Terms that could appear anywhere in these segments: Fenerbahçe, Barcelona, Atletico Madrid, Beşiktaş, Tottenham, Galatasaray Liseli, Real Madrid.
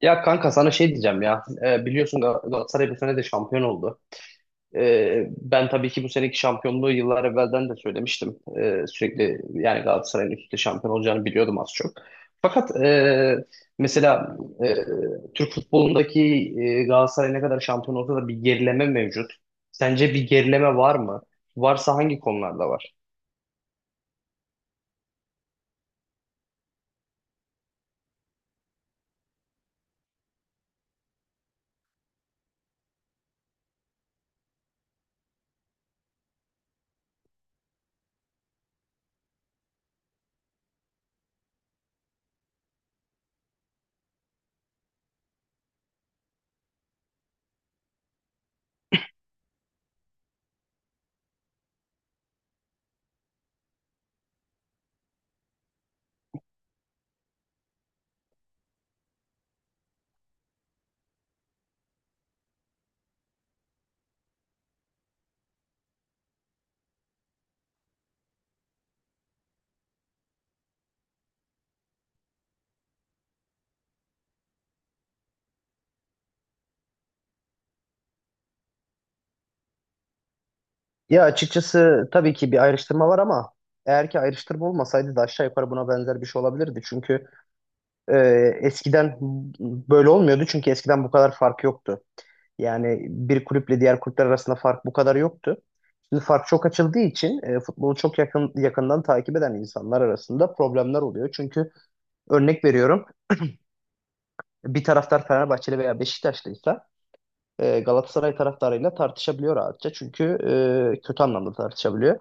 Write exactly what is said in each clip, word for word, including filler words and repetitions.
Ya kanka sana şey diyeceğim ya. Ee, biliyorsun Gal- Galatasaray bu sene de şampiyon oldu. Ee, ben tabii ki bu seneki şampiyonluğu yıllar evvelden de söylemiştim. Ee, sürekli yani Galatasaray'ın üst üste şampiyon olacağını biliyordum az çok. Fakat e, mesela, e, Türk futbolundaki, e, Galatasaray ne kadar şampiyon olsa da bir gerileme mevcut. Sence bir gerileme var mı? Varsa hangi konularda var? Ya açıkçası tabii ki bir ayrıştırma var ama eğer ki ayrıştırma olmasaydı da aşağı yukarı buna benzer bir şey olabilirdi. Çünkü Ee, eskiden böyle olmuyordu çünkü eskiden bu kadar fark yoktu. Yani bir kulüple diğer kulüpler arasında fark bu kadar yoktu. Şimdi fark çok açıldığı için e, futbolu çok yakın yakından takip eden insanlar arasında problemler oluyor. Çünkü örnek veriyorum, bir taraftar Fenerbahçeli veya Beşiktaşlıysa e, Galatasaray taraftarıyla tartışabiliyor rahatça. Çünkü e, kötü anlamda tartışabiliyor.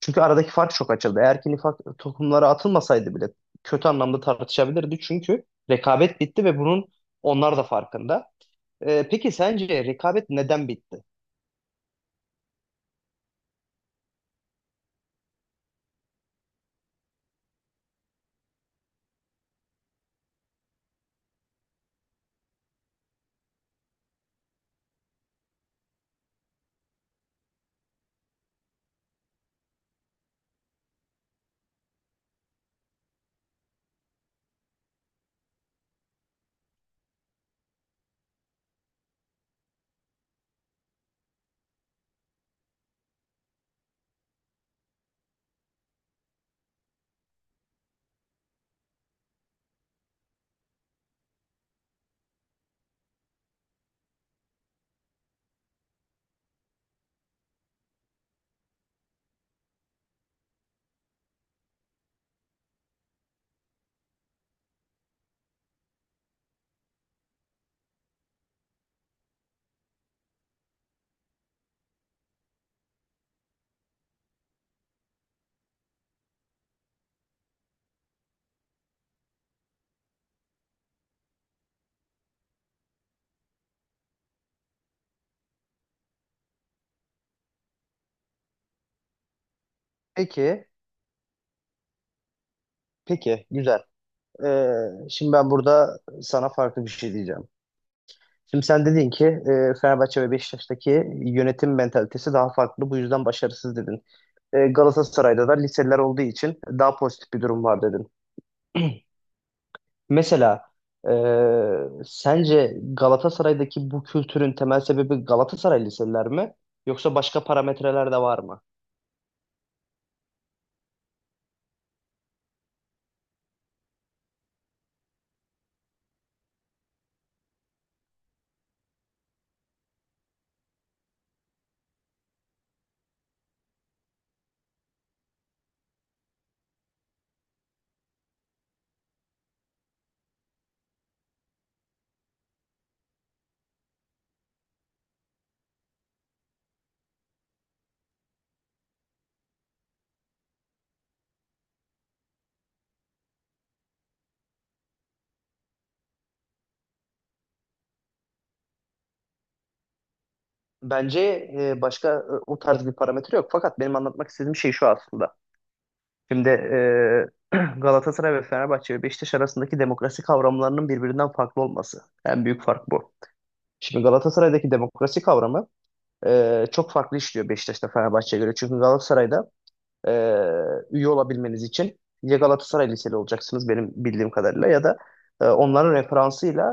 Çünkü aradaki fark çok açıldı. Eğer ki nifak tohumları atılmasaydı bile kötü anlamda tartışabilirdi. Çünkü rekabet bitti ve bunun onlar da farkında. E, peki sence rekabet neden bitti? Peki, peki güzel. E, Şimdi ben burada sana farklı bir şey diyeceğim. Şimdi sen dedin ki e, Fenerbahçe ve Beşiktaş'taki yönetim mentalitesi daha farklı. Bu yüzden başarısız dedin. E, Galatasaray'da da liseler olduğu için daha pozitif bir durum var dedin. Mesela, e, sence Galatasaray'daki bu kültürün temel sebebi Galatasaray liseler mi? Yoksa başka parametreler de var mı? Bence e, başka, e, o tarz bir parametre yok. Fakat benim anlatmak istediğim şey şu aslında. Şimdi e, Galatasaray ve Fenerbahçe ve Beşiktaş arasındaki demokrasi kavramlarının birbirinden farklı olması. En büyük fark bu. Şimdi Galatasaray'daki demokrasi kavramı Ee, çok farklı işliyor Beşiktaş'ta Fenerbahçe'ye göre. Çünkü Galatasaray'da e, üye olabilmeniz için ya Galatasaray Liseli olacaksınız benim bildiğim kadarıyla ya da e, onların referansıyla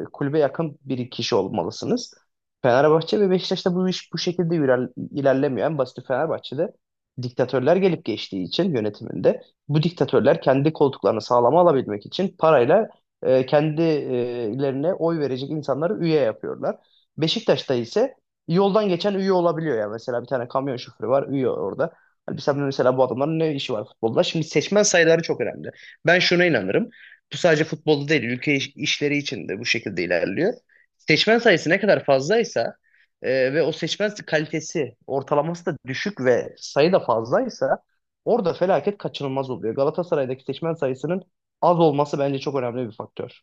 e, kulübe yakın bir kişi olmalısınız. Fenerbahçe ve Beşiktaş'ta bu iş bu şekilde iler- ilerlemiyor. En basiti Fenerbahçe'de diktatörler gelip geçtiği için yönetiminde bu diktatörler kendi koltuklarını sağlama alabilmek için parayla e, kendilerine oy verecek insanları üye yapıyorlar. Beşiktaş'ta ise yoldan geçen üye olabiliyor ya. Mesela bir tane kamyon şoförü var üye orada. Hani sen mesela bu adamların ne işi var futbolda? Şimdi seçmen sayıları çok önemli. Ben şuna inanırım. Bu sadece futbolda değil, ülke iş- işleri için de bu şekilde ilerliyor. Seçmen sayısı ne kadar fazlaysa e, ve o seçmen kalitesi ortalaması da düşük ve sayı da fazlaysa orada felaket kaçınılmaz oluyor. Galatasaray'daki seçmen sayısının az olması bence çok önemli bir faktör.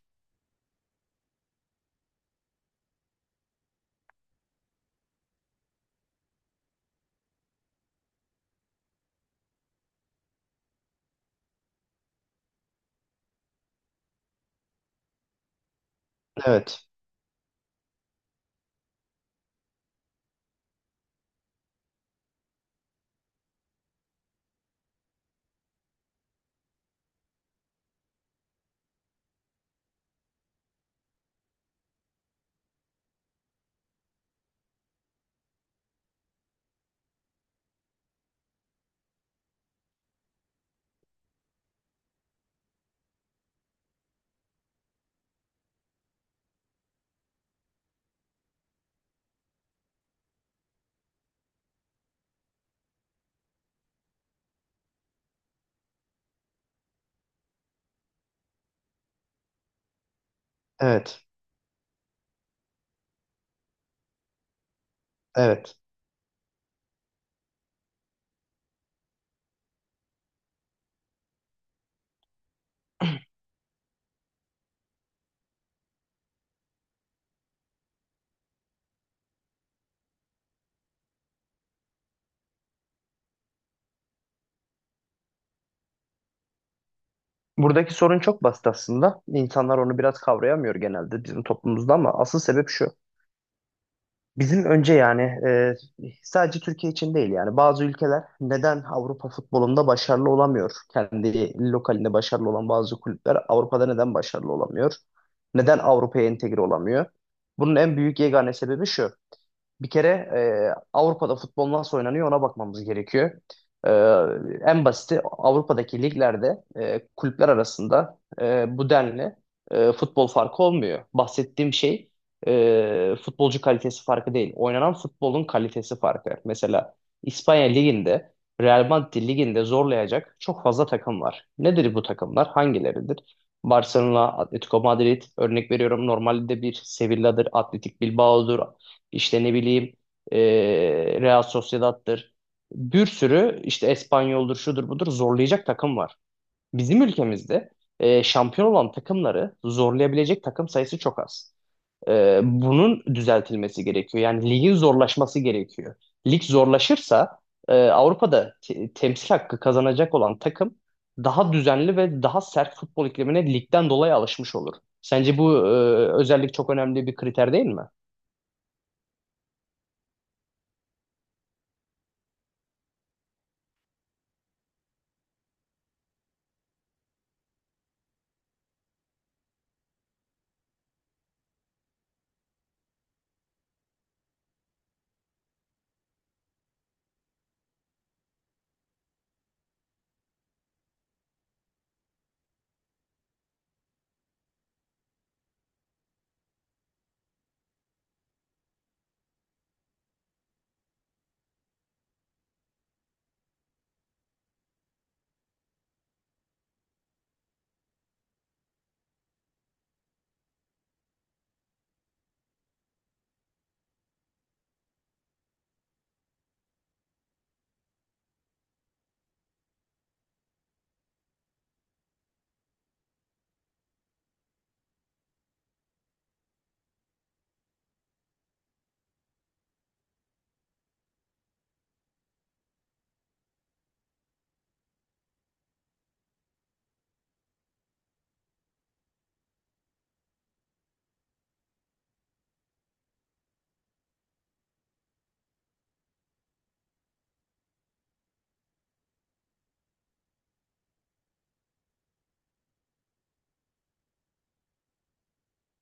Evet, evet, evet. Buradaki sorun çok basit aslında. İnsanlar onu biraz kavrayamıyor genelde bizim toplumumuzda ama asıl sebep şu. Bizim önce yani, e, sadece Türkiye için değil yani bazı ülkeler neden Avrupa futbolunda başarılı olamıyor? Kendi lokalinde başarılı olan bazı kulüpler Avrupa'da neden başarılı olamıyor? Neden Avrupa'ya entegre olamıyor? Bunun en büyük yegane sebebi şu. Bir kere e, Avrupa'da futbol nasıl oynanıyor ona bakmamız gerekiyor. E, En basiti Avrupa'daki liglerde e, kulüpler arasında e, bu denli e, futbol farkı olmuyor. Bahsettiğim şey e, futbolcu kalitesi farkı değil. Oynanan futbolun kalitesi farkı. Mesela İspanya Ligi'nde Real Madrid Ligi'nde zorlayacak çok fazla takım var. Nedir bu takımlar? Hangileridir? Barcelona, Atletico Madrid örnek veriyorum, normalde bir Sevilla'dır, Atletik Bilbao'dur, işte ne bileyim, e, Real Sociedad'tır. Bir sürü işte Espanyol'dur, şudur budur zorlayacak takım var. Bizim ülkemizde e, şampiyon olan takımları zorlayabilecek takım sayısı çok az. E, bunun düzeltilmesi gerekiyor. Yani ligin zorlaşması gerekiyor. Lig zorlaşırsa e, Avrupa'da te- temsil hakkı kazanacak olan takım daha düzenli ve daha sert futbol iklimine ligden dolayı alışmış olur. Sence bu e, özellik çok önemli bir kriter değil mi?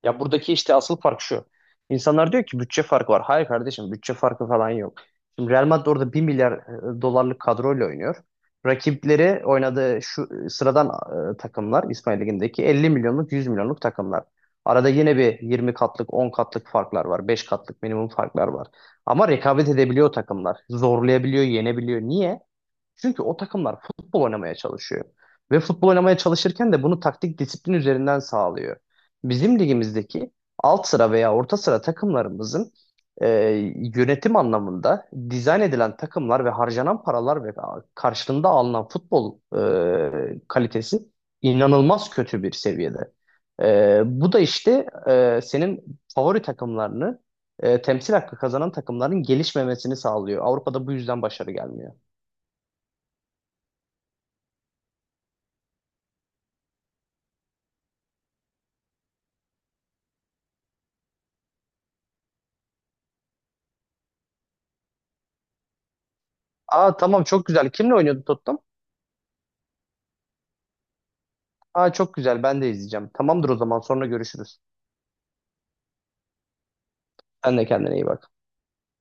Ya buradaki işte asıl fark şu. İnsanlar diyor ki bütçe farkı var. Hayır kardeşim bütçe farkı falan yok. Şimdi Real Madrid orada bir milyar e, dolarlık kadroyla oynuyor. Rakipleri oynadığı şu e, sıradan, e, takımlar İspanya Ligi'ndeki elli milyonluk yüz milyonluk takımlar. Arada yine bir yirmi katlık on katlık farklar var. Beş katlık minimum farklar var. Ama rekabet edebiliyor takımlar. Zorlayabiliyor, yenebiliyor. Niye? Çünkü o takımlar futbol oynamaya çalışıyor. Ve futbol oynamaya çalışırken de bunu taktik disiplin üzerinden sağlıyor. Bizim ligimizdeki alt sıra veya orta sıra takımlarımızın e, yönetim anlamında dizayn edilen takımlar ve harcanan paralar ve karşılığında alınan futbol e, kalitesi inanılmaz kötü bir seviyede. E, bu da işte, e, senin favori takımlarını, e, temsil hakkı kazanan takımların gelişmemesini sağlıyor. Avrupa'da bu yüzden başarı gelmiyor. Aa tamam çok güzel. Kimle oynuyordu Tottenham? Aa çok güzel. Ben de izleyeceğim. Tamamdır o zaman sonra görüşürüz. Sen de kendine iyi bak.